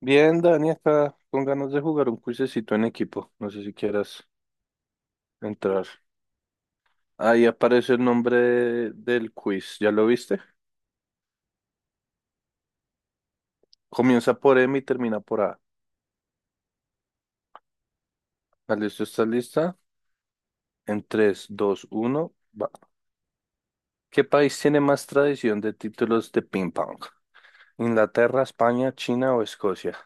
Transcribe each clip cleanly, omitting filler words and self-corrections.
Bien, Dani, acá con ganas de jugar un cuisecito en equipo. No sé si quieras entrar. Ahí aparece el nombre del quiz. ¿Ya lo viste? Comienza por M y termina por A. Ah, ¿listo? ¿Estás lista? En tres, dos, uno, va. ¿Qué país tiene más tradición de títulos de ping pong? ¿Inglaterra, España, China o Escocia?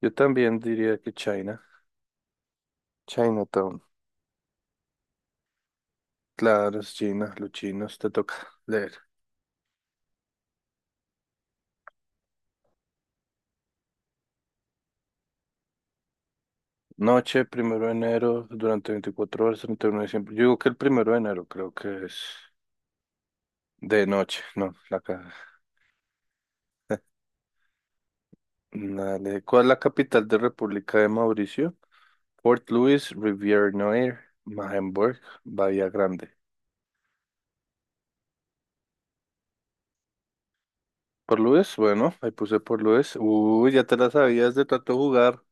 Yo también diría que China. Chinatown. Claro, es China, los chinos, te toca leer. Noche, primero de enero, durante 24 horas, 31 de diciembre. Yo digo que el primero de enero creo que es de noche. No, Dale. ¿Cuál es la capital de República de Mauricio? Port Louis, Rivière Noire, Marenburg, Bahía Grande. Por Louis, bueno, ahí puse por Louis. Uy, ya te la sabías de tanto jugar.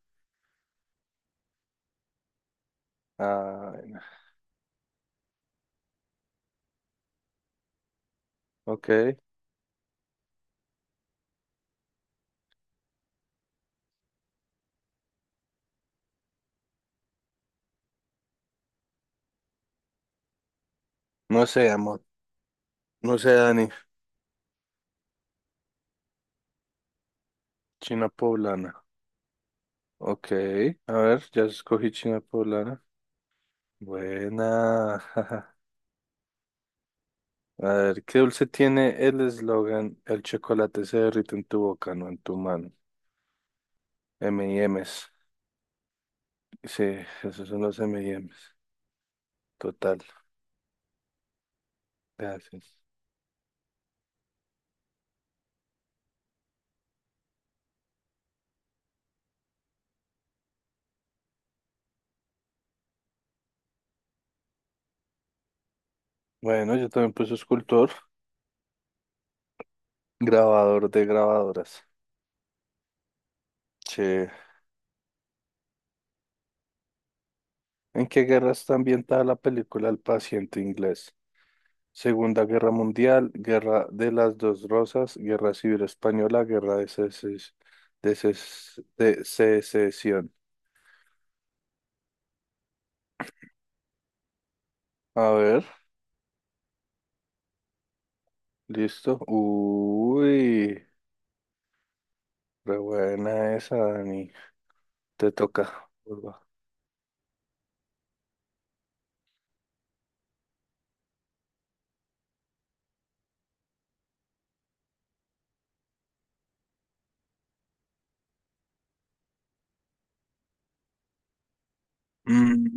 Ah, ok. No sé, amor. No sé, Dani. China poblana. Ok. A ver, ya escogí China poblana. Buena. A ver, ¿qué dulce tiene el eslogan? El chocolate se derrite en tu boca, no en tu mano. M M&M's. Sí, esos son los M M&M's. Total, gracias. Bueno, yo también puse escultor, grabador de grabadoras. Sí. ¿En qué guerra está ambientada la película El paciente inglés? Segunda Guerra Mundial, Guerra de las Dos Rosas, Guerra Civil Española, Guerra de de Secesión. A ver, listo. Uy. Re buena esa, Dani. Te toca. Urba. Mm,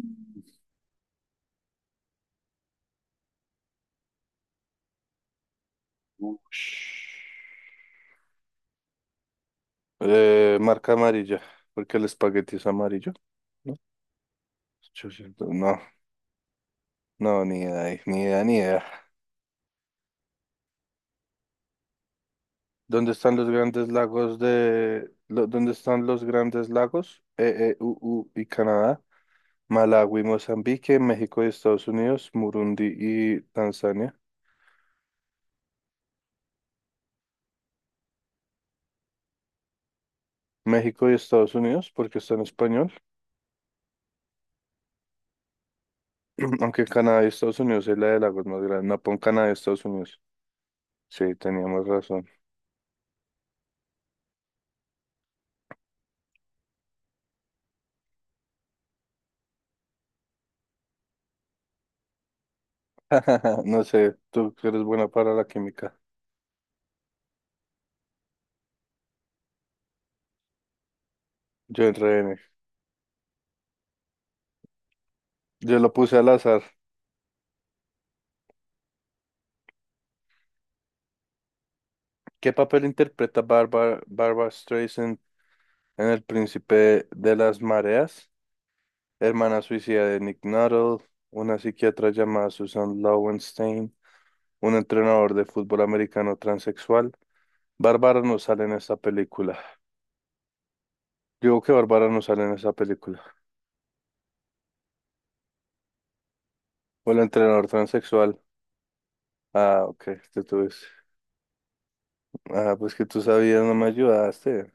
ush. Marca amarilla, porque el espagueti es amarillo. ¿No? 800, no, no, ni idea, ahí, ni idea, ni idea. ¿Dónde están los grandes lagos? EE. UU. Y Canadá, Malawi, Mozambique, México y Estados Unidos, Murundi y Tanzania. México y Estados Unidos, porque está en español. Aunque Canadá y Estados Unidos es la de lagos más grande. No, pon Canadá y Estados Unidos. Sí, teníamos razón. No sé, tú que eres buena para la química. Yo en RN. Yo lo puse al azar. ¿Qué papel interpreta Barbara Streisand en El Príncipe de las Mareas? Hermana suicida de Nick Nuttall, una psiquiatra llamada Susan Lowenstein, un entrenador de fútbol americano transexual. Bárbara no sale en esta película. Digo que Bárbara no sale en esa película. O el entrenador transexual. Ah, ok, te tuve. Ah, pues que tú sabías, no me ayudaste.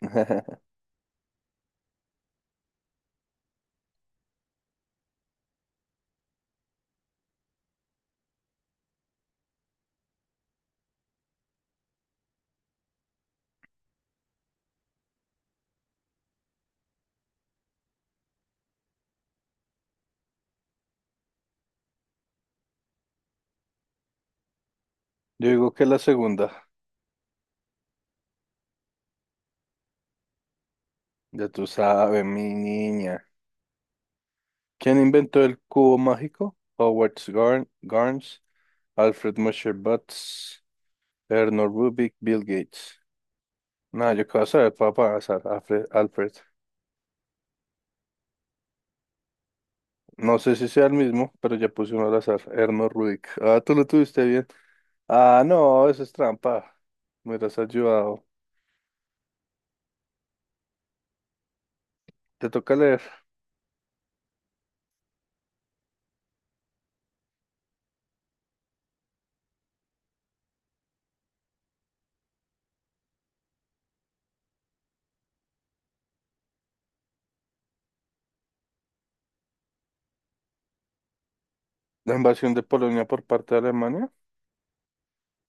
Yo digo que la segunda. Ya tú sabes, mi niña. ¿Quién inventó el cubo mágico? Howard Garns, Alfred Musher Butts, Erno Rubik, Bill Gates. No, yo qué vas a ver, papá, azar, Alfred, Alfred. No sé si sea el mismo, pero ya puse uno al azar, Erno Rubik. Ah, tú lo tuviste bien. Ah, no, eso es trampa. Me hubieras ayudado. Te toca leer. La invasión de Polonia por parte de Alemania.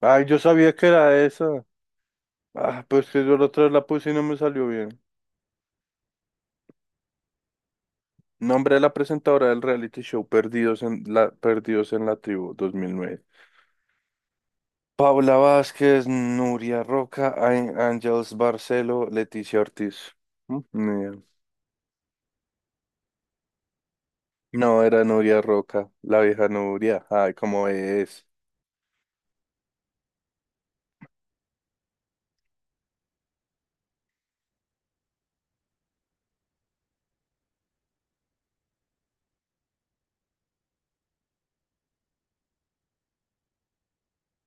Ay, yo sabía que era esa. Ah, pues que yo la otra vez la puse y no me salió bien. Nombre de la presentadora del reality show Perdidos en la Tribu 2009. Paula Vázquez, Nuria Roca, Ángels Barcelo, Leticia Ortiz. Mm, ni idea. No, era Nuria Roca, la vieja Nuria. Ay, cómo es.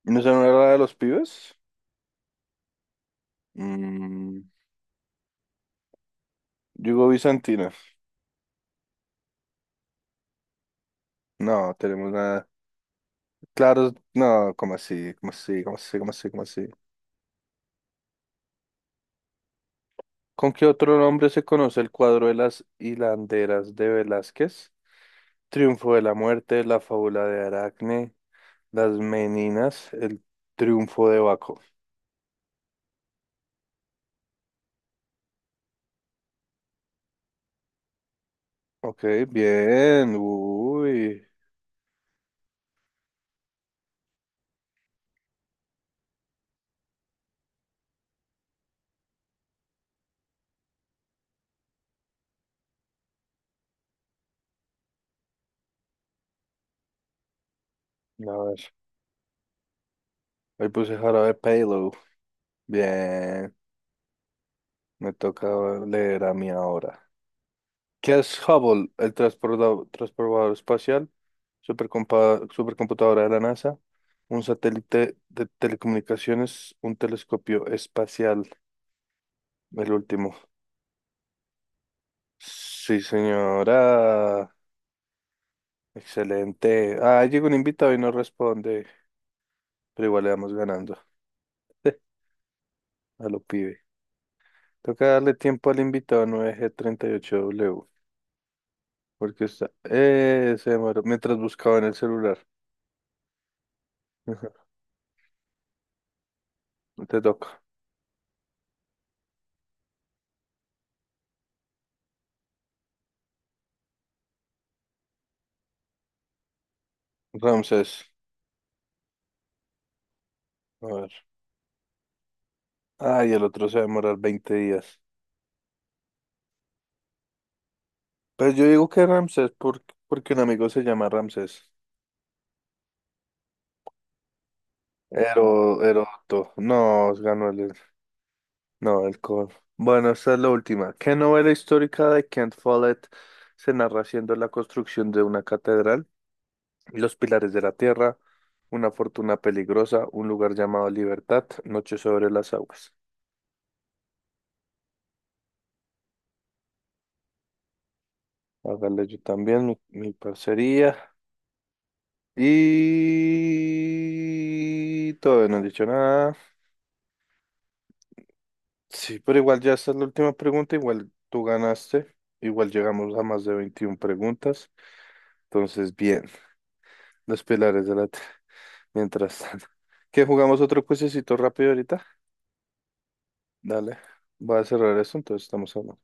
¿No se no era la de los pibes? Mm, Yugo Bizantina. No, tenemos nada. Claro, no, ¿cómo así? ¿Cómo así? ¿Cómo así? ¿Cómo así? ¿Cómo así? ¿Con qué otro nombre se conoce el cuadro de las hilanderas de Velázquez? Triunfo de la muerte, la fábula de Aracne, las Meninas, el triunfo de Baco. Ok, bien, uy, a ver, ahí puse jarabe payload, bien, me toca leer a mí ahora. ¿Qué es Hubble? ¿El transportador, espacial, supercomputadora de la NASA, un satélite de telecomunicaciones, un telescopio espacial? El último. Sí, señora. Excelente. Ah, llegó un invitado y no responde, pero igual le vamos ganando. A lo pibe. Toca darle tiempo al invitado 9G38W porque está... se demoró mientras buscaba en el celular. Ajá, te toca. Ramses. A ver. Ah, y el otro se va a demorar 20 días. Pues yo digo que Ramses, porque un amigo se llama Ramses. Ero, Eroto. No, ganó el. No, alcohol. Bueno, esta es la última. ¿Qué novela histórica de Kent Follett se narra siendo la construcción de una catedral? ¿Los pilares de la tierra, una fortuna peligrosa, un lugar llamado Libertad, Noche sobre las aguas? Hágale, yo también, mi parcería. Y todavía no he dicho nada. Sí, pero igual ya esta es la última pregunta. Igual tú ganaste. Igual llegamos a más de 21 preguntas. Entonces, bien, los pilares de la tierra. Mientras tanto, ¿qué jugamos otro cuesecito rápido ahorita? Dale, voy a cerrar eso, entonces estamos hablando.